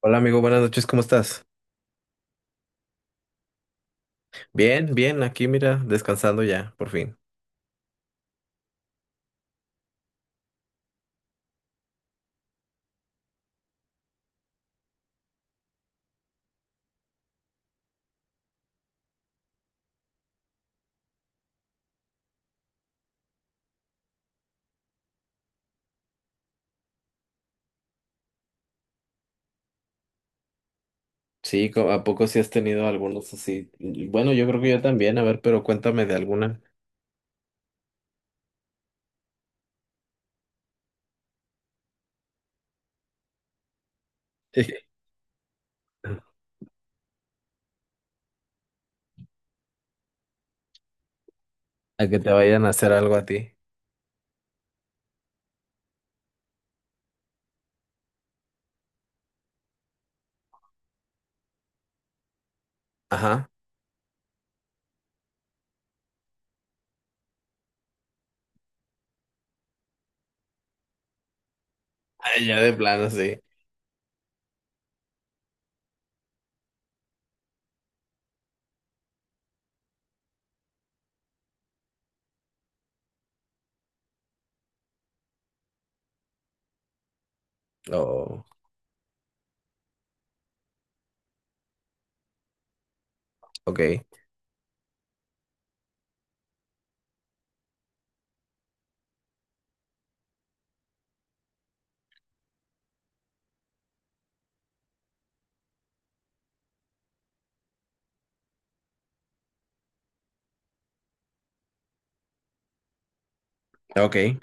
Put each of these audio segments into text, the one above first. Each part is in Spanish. Hola amigo, buenas noches, ¿cómo estás? Bien, bien, aquí mira, descansando ya, por fin. Sí, ¿a poco sí has tenido algunos así? Y bueno, yo creo que yo también, a ver, pero cuéntame de alguna. A que te vayan a hacer algo a ti. Ajá. Ay, ya de plano, sí. Oh, ok. Ok,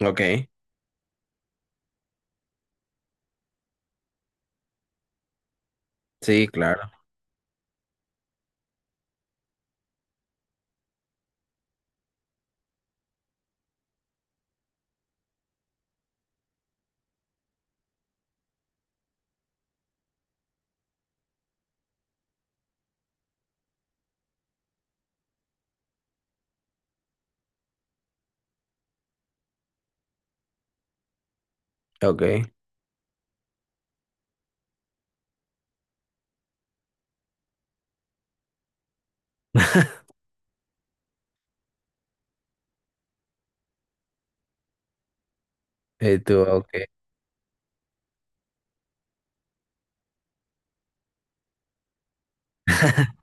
ok. Sí, claro. Ok. Y tú, ok.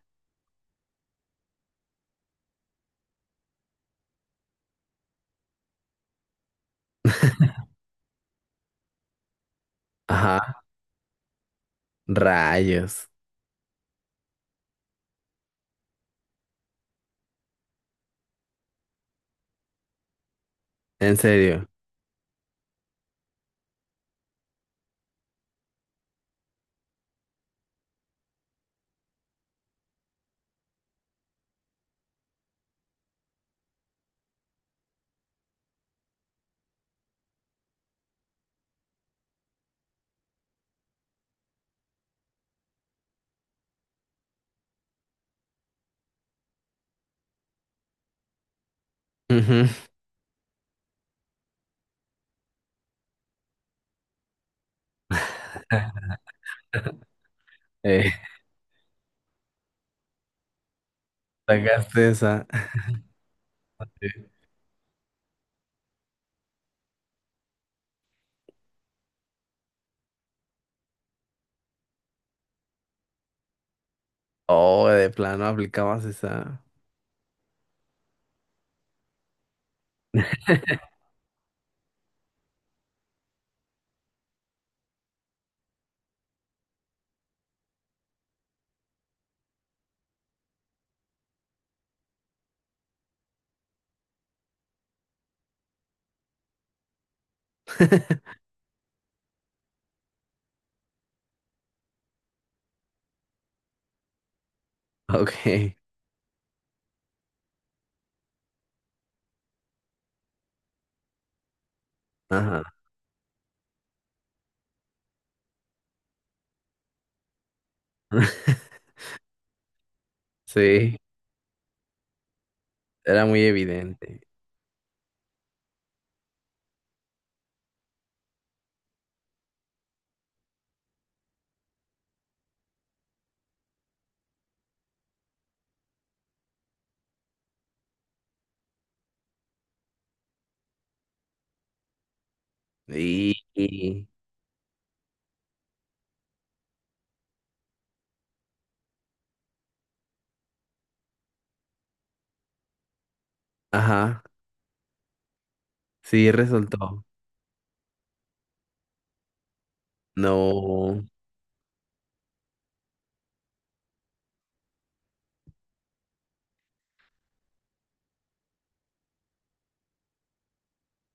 Ajá. Rayos. En serio. Ujú. Eh, sacaste esa. Oh, de plano aplicabas esa. Ok, ajá. Sí, era muy evidente. Y, y- ajá, sí resultó. No,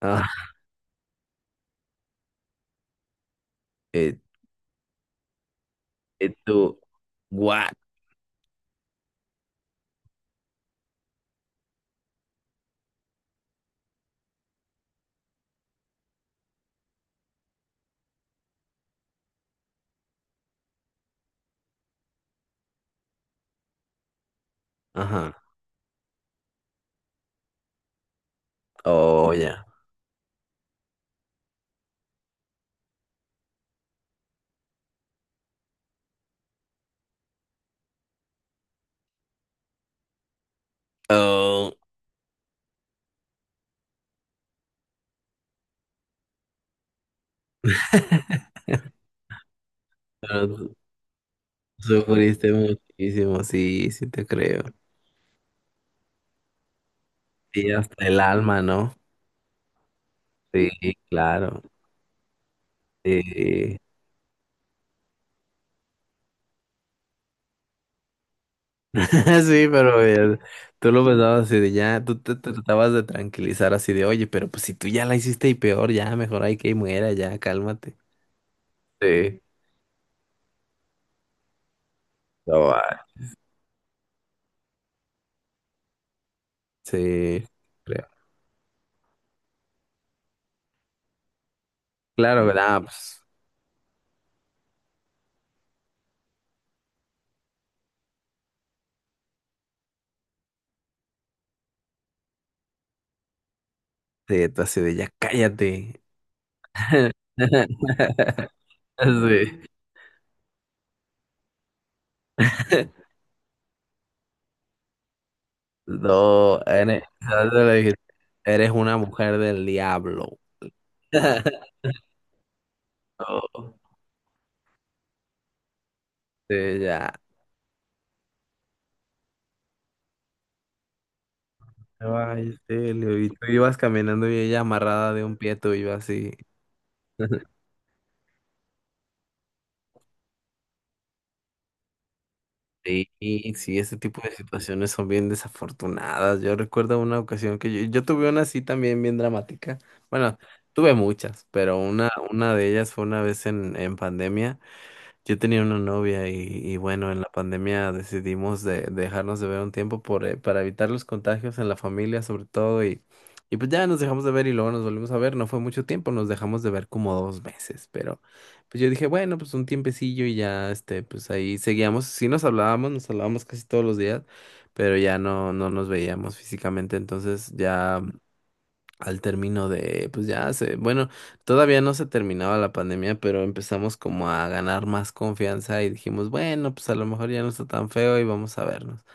ah, eh, tú, what? Ajá, oh, ya. Oh, pero sufriste muchísimo, sí, sí te creo. Y hasta el alma, ¿no? Sí, claro. Sí. Sí, pero tú lo pensabas así de ya, tú te tratabas de tranquilizar así de, oye, pero pues si tú ya la hiciste y peor, ya mejor hay que muera, ya, cálmate. Sí, no va. Sí, creo. Claro, ¿verdad? Pues sí, tú así de ya, cállate. Sí. No, eres, no te lo dije, eres una mujer del diablo. No, sí, ya. Ay, sí, Leo, y tú ibas caminando y ella amarrada de un pie, tú ibas así. Sí, sí, ese tipo de situaciones son bien desafortunadas. Yo recuerdo una ocasión que yo tuve una así también bien dramática. Bueno, tuve muchas, pero una de ellas fue una vez en pandemia. Yo tenía una novia y, bueno, en la pandemia decidimos dejarnos de ver un tiempo para evitar los contagios en la familia sobre todo y pues ya nos dejamos de ver y luego nos volvimos a ver, no fue mucho tiempo, nos dejamos de ver como 2 meses, pero pues yo dije, bueno, pues un tiempecillo y ya, este, pues ahí seguíamos, sí nos hablábamos casi todos los días, pero ya no, no nos veíamos físicamente, entonces ya al término de, pues ya se, bueno, todavía no se terminaba la pandemia, pero empezamos como a ganar más confianza y dijimos, bueno, pues a lo mejor ya no está tan feo y vamos a vernos.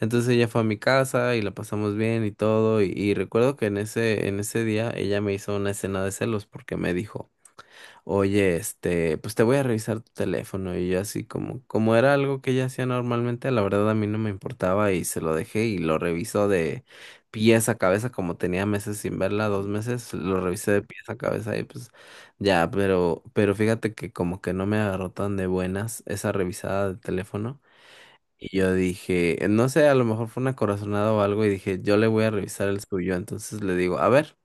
Entonces ella fue a mi casa y la pasamos bien y todo, y recuerdo que en ese día ella me hizo una escena de celos porque me dijo, oye, este, pues te voy a revisar tu teléfono y yo así como era algo que ella hacía normalmente, la verdad a mí no me importaba y se lo dejé y lo revisó de pies a cabeza, como tenía meses sin verla, 2 meses, lo revisé de pies a cabeza y pues ya, pero fíjate que como que no me agarró tan de buenas esa revisada de teléfono y yo dije, no sé, a lo mejor fue una corazonada o algo y dije, yo le voy a revisar el suyo, entonces le digo, a ver,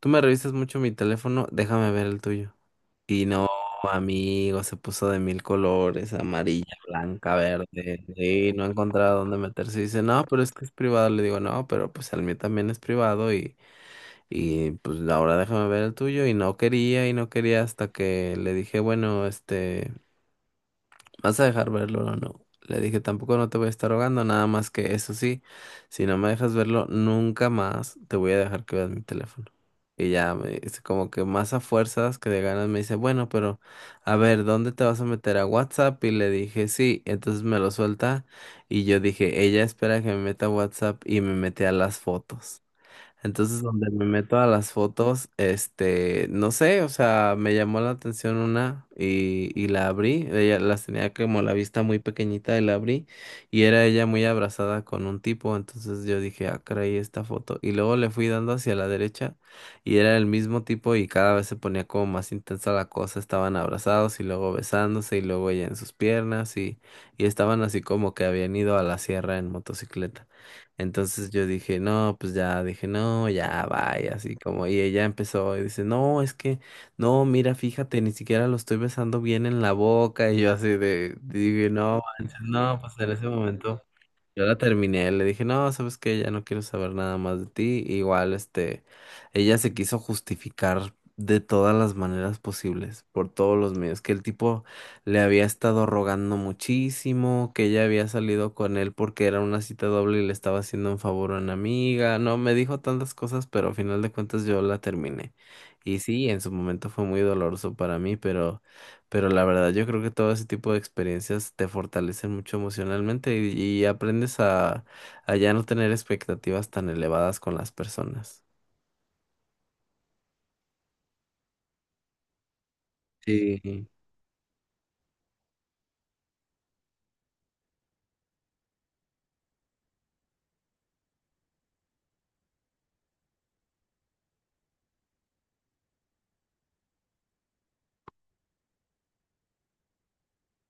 tú me revisas mucho mi teléfono, déjame ver el tuyo. Y no, amigo, se puso de mil colores, amarilla, blanca, verde, y no encontraba dónde meterse. Y dice, no, pero es que es privado. Le digo, no, pero pues el mío también es privado y, pues ahora déjame ver el tuyo. Y no quería hasta que le dije, bueno, este... ¿Vas a dejar verlo o no? Le dije, tampoco no te voy a estar rogando, nada más que eso sí, si no me dejas verlo, nunca más te voy a dejar que veas mi teléfono. Y ya me dice, como que más a fuerzas que de ganas me dice, bueno, pero a ver, ¿dónde te vas a meter a WhatsApp? Y le dije, sí, entonces me lo suelta. Y yo dije, ella espera que me meta a WhatsApp y me mete a las fotos. Entonces, donde me meto a las fotos, este, no sé, o sea, me llamó la atención una y, la abrí. Ella las tenía como la vista muy pequeñita y la abrí y era ella muy abrazada con un tipo. Entonces yo dije, ah, caray, esta foto. Y luego le fui dando hacia la derecha y era el mismo tipo y cada vez se ponía como más intensa la cosa. Estaban abrazados y luego besándose y luego ella en sus piernas y estaban así como que habían ido a la sierra en motocicleta. Entonces yo dije, no, pues ya, dije, no, ya, vaya, así como, y ella empezó y dice, no, es que, no, mira, fíjate, ni siquiera lo estoy besando bien en la boca, y yo así de, dije, no, manches, no, pues en ese momento. Yo la terminé, le dije, no, sabes qué, ya no quiero saber nada más de ti. Igual, este, ella se quiso justificar de todas las maneras posibles, por todos los medios, que el tipo le había estado rogando muchísimo, que ella había salido con él porque era una cita doble y le estaba haciendo un favor a una amiga. No, me dijo tantas cosas, pero al final de cuentas yo la terminé. Y sí, en su momento fue muy doloroso para mí, pero... Pero la verdad, yo creo que todo ese tipo de experiencias te fortalecen mucho emocionalmente y, aprendes a ya no tener expectativas tan elevadas con las personas. Sí,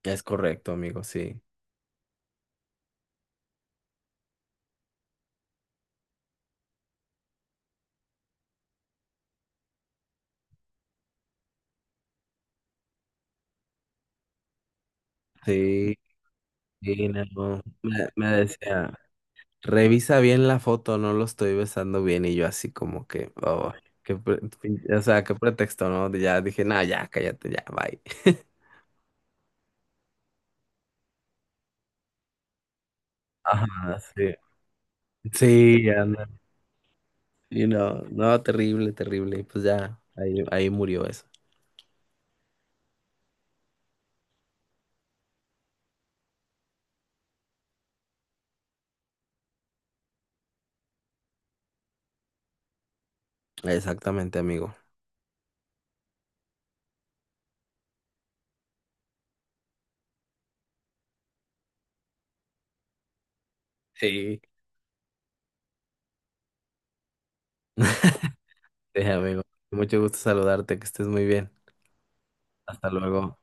es correcto, amigo, sí. Sí, sí, no. Me decía, revisa bien la foto, no lo estoy besando bien. Y yo así como que, oh, qué pre- o sea, qué pretexto, ¿no? Ya dije, no, ya, cállate, ya, bye. Ajá, sí. Sí, y no, no, terrible, terrible. Pues ya, ahí murió eso. Exactamente, amigo. Sí. Sí, amigo. Mucho gusto saludarte, que estés muy bien. Hasta luego.